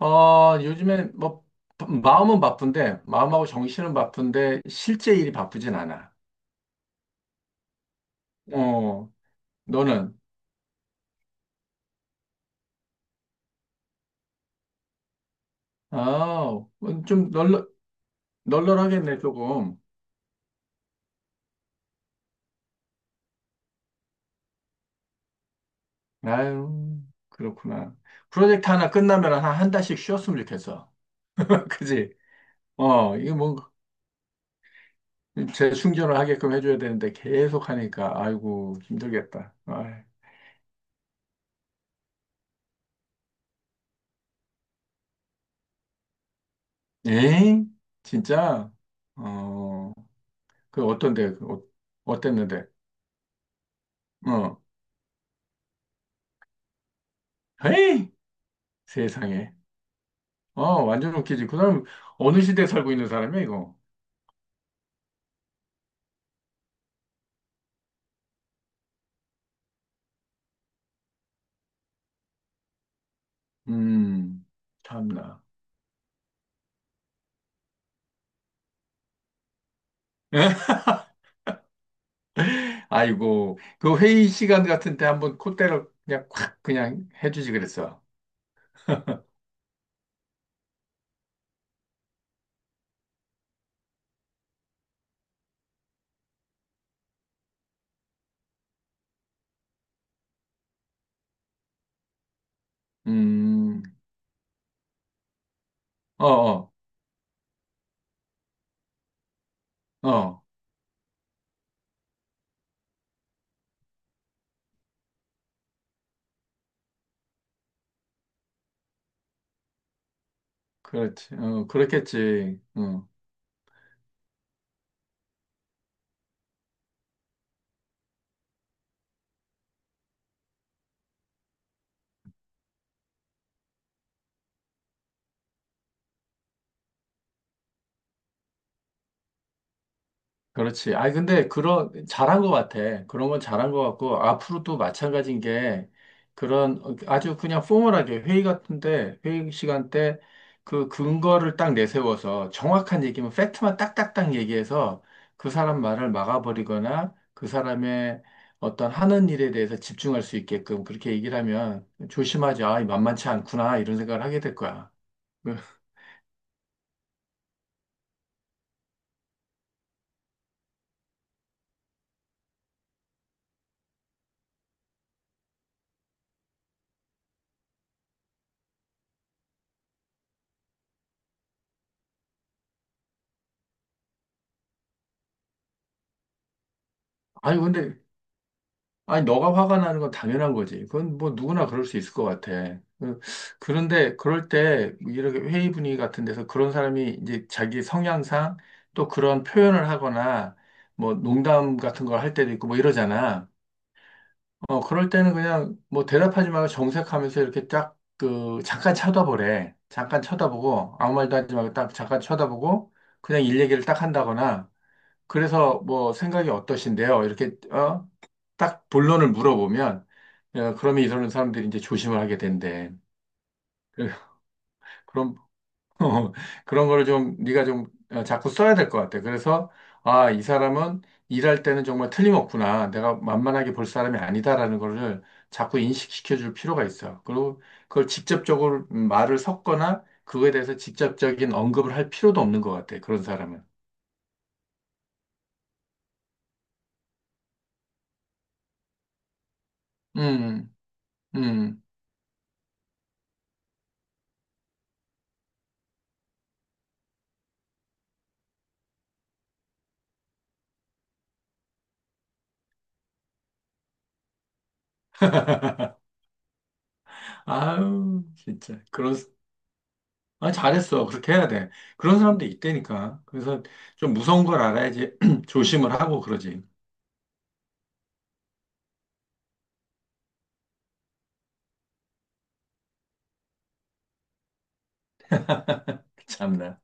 어, 요즘에 뭐 마음은 바쁜데 마음하고 정신은 바쁜데 실제 일이 바쁘진 않아. 어, 너는? 아, 좀 널널하겠네 조금. 아유, 그렇구나. 프로젝트 하나 끝나면 한 한 달씩 쉬었으면 좋겠어. 그지? 어, 이거 뭐 재충전을 하게끔 해줘야 되는데 계속 하니까 아이고 힘들겠다. 아, 에이, 진짜? 어, 그 어떤데? 그 어, 어땠는데? 어, 에이. 세상에. 어, 완전 웃기지. 그 사람 어느 시대에 살고 있는 사람이야, 이거. 음, 참나. 아이고, 그 회의 시간 같은 때 한번 콧대를 그냥 콱 그냥 해주지 그랬어. 음, 어, 어, 어, 그렇지. 어, 그렇겠지. 어. 그렇지. 아니, 근데, 그런, 잘한 것 같아. 그런 건 잘한 것 같고, 앞으로도 마찬가지인 게, 그런 어, 아주 그냥 포멀하게 회의 같은데, 회의 시간 때 그 근거를 딱 내세워서 정확한 얘기면 팩트만 딱딱딱 얘기해서 그 사람 말을 막아버리거나 그 사람의 어떤 하는 일에 대해서 집중할 수 있게끔 그렇게 얘기를 하면 조심하지. 아, 만만치 않구나. 이런 생각을 하게 될 거야. 그, 아니, 근데 아니, 너가 화가 나는 건 당연한 거지. 그건 뭐 누구나 그럴 수 있을 것 같아. 그런데 그럴 때 이렇게 회의 분위기 같은 데서 그런 사람이 이제 자기 성향상 또 그런 표현을 하거나 뭐 농담 같은 걸 할 때도 있고 뭐 이러잖아. 어, 그럴 때는 그냥 뭐 대답하지 말고 정색하면서 이렇게 딱 그 잠깐 쳐다보래. 잠깐 쳐다보고 아무 말도 하지 말고 딱 잠깐 쳐다보고 그냥 일 얘기를 딱 한다거나 그래서 뭐 생각이 어떠신데요? 이렇게 어? 딱 본론을 물어보면 어, 그러면 이러는 사람들이 이제 조심을 하게 된대. 그- 그럼 그런 거를 좀 네가 좀 어, 자꾸 써야 될 것 같아. 그래서 아, 이 사람은 일할 때는 정말 틀림없구나. 내가 만만하게 볼 사람이 아니다라는 거를 자꾸 인식시켜 줄 필요가 있어. 그리고 그걸 직접적으로 말을 섞거나 그거에 대해서 직접적인 언급을 할 필요도 없는 것 같아. 그런 사람은. 음. 음. 아유, 진짜. 그런, 아, 잘했어. 그렇게 해야 돼. 그런 사람도 있다니까. 그래서 좀 무서운 걸 알아야지 조심을 하고 그러지. 참나.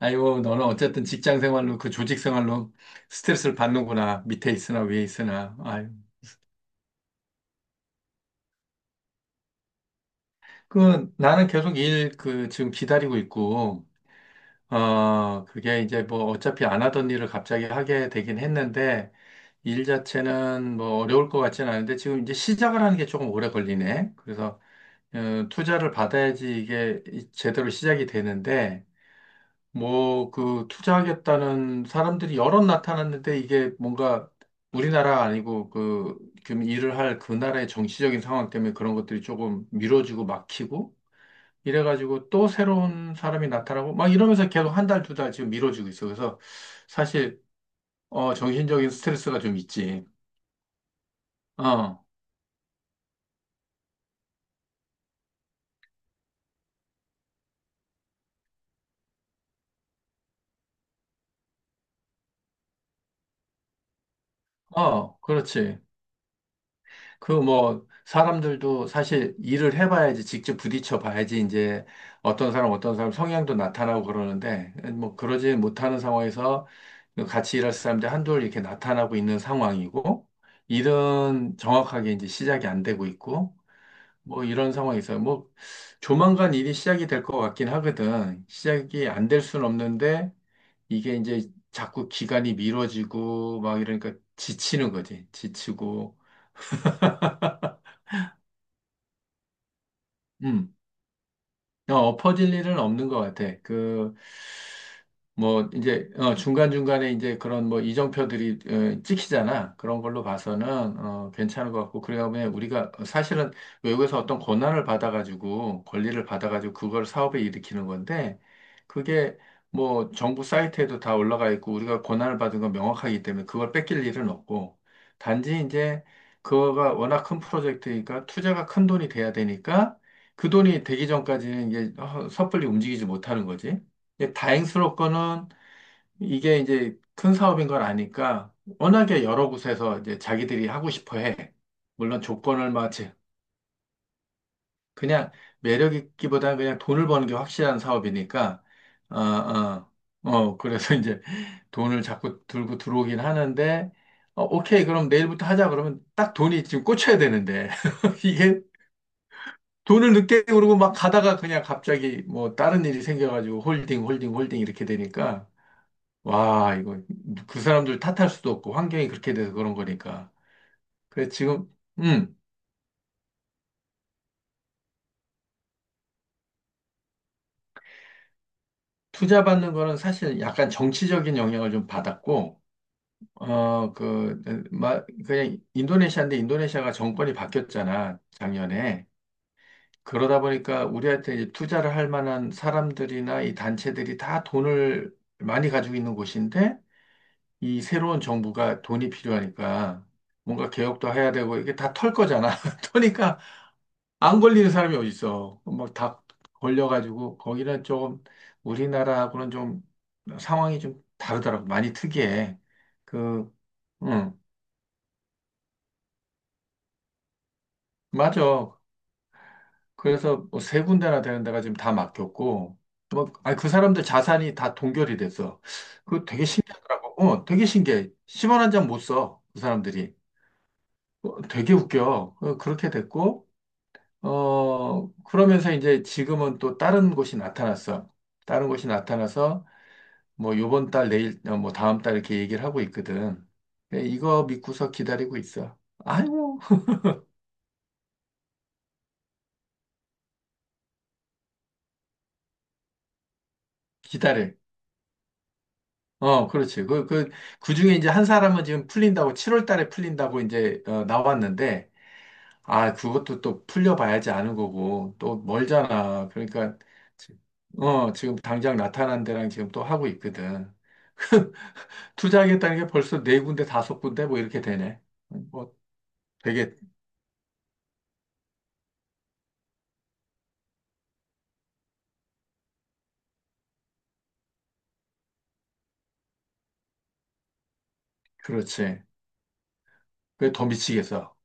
아이고, 너는 어쨌든 직장 생활로, 그 조직 생활로 스트레스를 받는구나. 밑에 있으나 위에 있으나. 아유. 그, 나는 계속 일, 그, 지금 기다리고 있고, 어, 그게 이제 뭐 어차피 안 하던 일을 갑자기 하게 되긴 했는데, 일 자체는 뭐 어려울 것 같지는 않은데 지금 이제 시작을 하는 게 조금 오래 걸리네. 그래서 어, 투자를 받아야지 이게 제대로 시작이 되는데, 뭐, 그, 투자하겠다는 사람들이 여럿 나타났는데, 이게 뭔가 우리나라 아니고, 그, 지금 일을 할 그 나라의 정치적인 상황 때문에 그런 것들이 조금 미뤄지고 막히고, 이래가지고 또 새로운 사람이 나타나고, 막 이러면서 계속 한 달, 두 달 지금 미뤄지고 있어. 그래서 사실, 어, 정신적인 스트레스가 좀 있지. 어, 어, 그렇지. 그 뭐 사람들도 사실 일을 해봐야지 직접 부딪혀 봐야지 이제 어떤 사람 어떤 사람 성향도 나타나고 그러는데 뭐 그러지 못하는 상황에서 같이 일할 사람들 한둘 이렇게 나타나고 있는 상황이고 일은 정확하게 이제 시작이 안 되고 있고 뭐 이런 상황에서 뭐 조만간 일이 시작이 될 것 같긴 하거든. 시작이 안 될 수는 없는데 이게 이제 자꾸 기간이 미뤄지고 막 이러니까 지치는 거지. 지치고 음. 어, 엎어질 일은 없는 것 같아. 그, 뭐 이제 어, 중간중간에 이제 그런 뭐 이정표들이 어, 찍히잖아. 그런 걸로 봐서는 어, 괜찮은 것 같고 그러다 보면 우리가 사실은 외국에서 어떤 권한을 받아가지고 권리를 받아가지고 그걸 사업에 일으키는 건데 그게 뭐 정부 사이트에도 다 올라가 있고 우리가 권한을 받은 건 명확하기 때문에 그걸 뺏길 일은 없고 단지 이제 그거가 워낙 큰 프로젝트니까 투자가 큰 돈이 돼야 되니까 그 돈이 되기 전까지는 이게 어, 섣불리 움직이지 못하는 거지. 이게 다행스럽거는 이게 이제 큰 사업인 걸 아니까 워낙에 여러 곳에서 이제 자기들이 하고 싶어 해. 물론 조건을 맞치 그냥 매력 있기보다 그냥 돈을 버는 게 확실한 사업이니까 어, 어, 어 그래서 이제 돈을 자꾸 들고 들어오긴 하는데 어, 오케이 그럼 내일부터 하자 그러면 딱 돈이 지금 꽂혀야 되는데 이게 돈을 늦게 오르고 막 가다가 그냥 갑자기 뭐 다른 일이 생겨가지고 홀딩 홀딩 홀딩 이렇게 되니까 와, 이거 그 사람들 탓할 수도 없고 환경이 그렇게 돼서 그런 거니까. 그래서 지금 투자 받는 거는 사실 약간 정치적인 영향을 좀 받았고 어, 그, 마, 그냥 인도네시아인데 인도네시아가 정권이 바뀌었잖아, 작년에. 그러다 보니까 우리한테 이제 투자를 할 만한 사람들이나 이 단체들이 다 돈을 많이 가지고 있는 곳인데 이 새로운 정부가 돈이 필요하니까 뭔가 개혁도 해야 되고 이게 다 털 거잖아. 터니까 안 걸리는 사람이 어딨어. 막 다 걸려가지고, 거기는 조금 우리나라하고는 좀 상황이 좀 다르더라고. 많이 특이해. 그, 응, 맞아. 그래서 뭐 세 군데나 되는 데가 지금 다 맡겼고, 뭐, 아니, 그 사람들 자산이 다 동결이 됐어. 그 되게 신기하더라고. 어, 되게 신기해. 10원 한 장 못 써. 그 사람들이. 어, 되게 웃겨. 어, 그렇게 됐고, 어, 그러면서 이제 지금은 또 다른 곳이 나타났어. 다른 곳이 나타나서 뭐 요번 달 내일 어, 뭐 다음 달 이렇게 얘기를 하고 있거든. 그래, 이거 믿고서 기다리고 있어. 아이고 기다려. 어, 그렇지. 그, 그, 그 중에 이제 한 사람은 지금 풀린다고, 7월 달에 풀린다고 이제, 어, 나왔는데, 아, 그것도 또 풀려봐야지 아는 거고, 또 멀잖아. 그러니까, 지- 어, 지금 당장 나타난 데랑 지금 또 하고 있거든. 투자하겠다는 게 벌써 네 군데, 다섯 군데 뭐 이렇게 되네. 뭐 되게, 그렇지. 그게 더 미치겠어.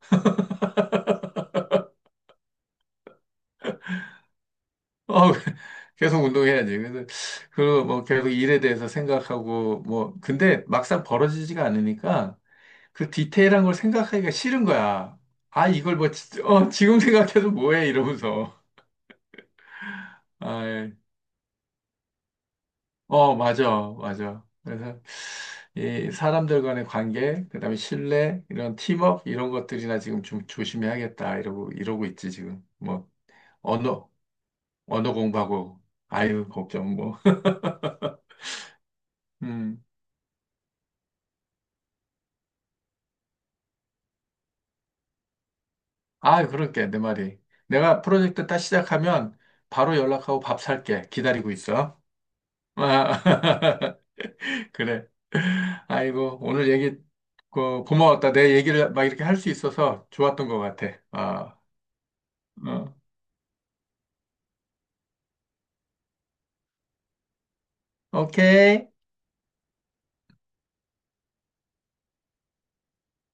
어, 계속 운동해야지. 그래서, 그, 뭐, 계속 일에 대해서 생각하고, 뭐, 근데 막상 벌어지지가 않으니까 그 디테일한 걸 생각하기가 싫은 거야. 아, 이걸 뭐, 어, 지금 생각해도 뭐해? 이러면서. 아, 예. 어, 맞아, 맞아. 그래서, 이 사람들 간의 관계, 그다음에 신뢰, 이런 팀워크, 이런 것들이나 지금 좀 조심해야겠다. 이러고, 이러고 있지, 지금. 뭐, 언어, 언어 공부하고, 아유, 걱정, 뭐. 음. 아, 그러니까 내 말이. 내가 프로젝트 딱 시작하면 바로 연락하고 밥 살게. 기다리고 있어. 아, 그래. 아이고, 오늘 얘기 고마웠다. 내 얘기를 막 이렇게 할 수 있어서 좋았던 것 같아. 아, 어. 오케이.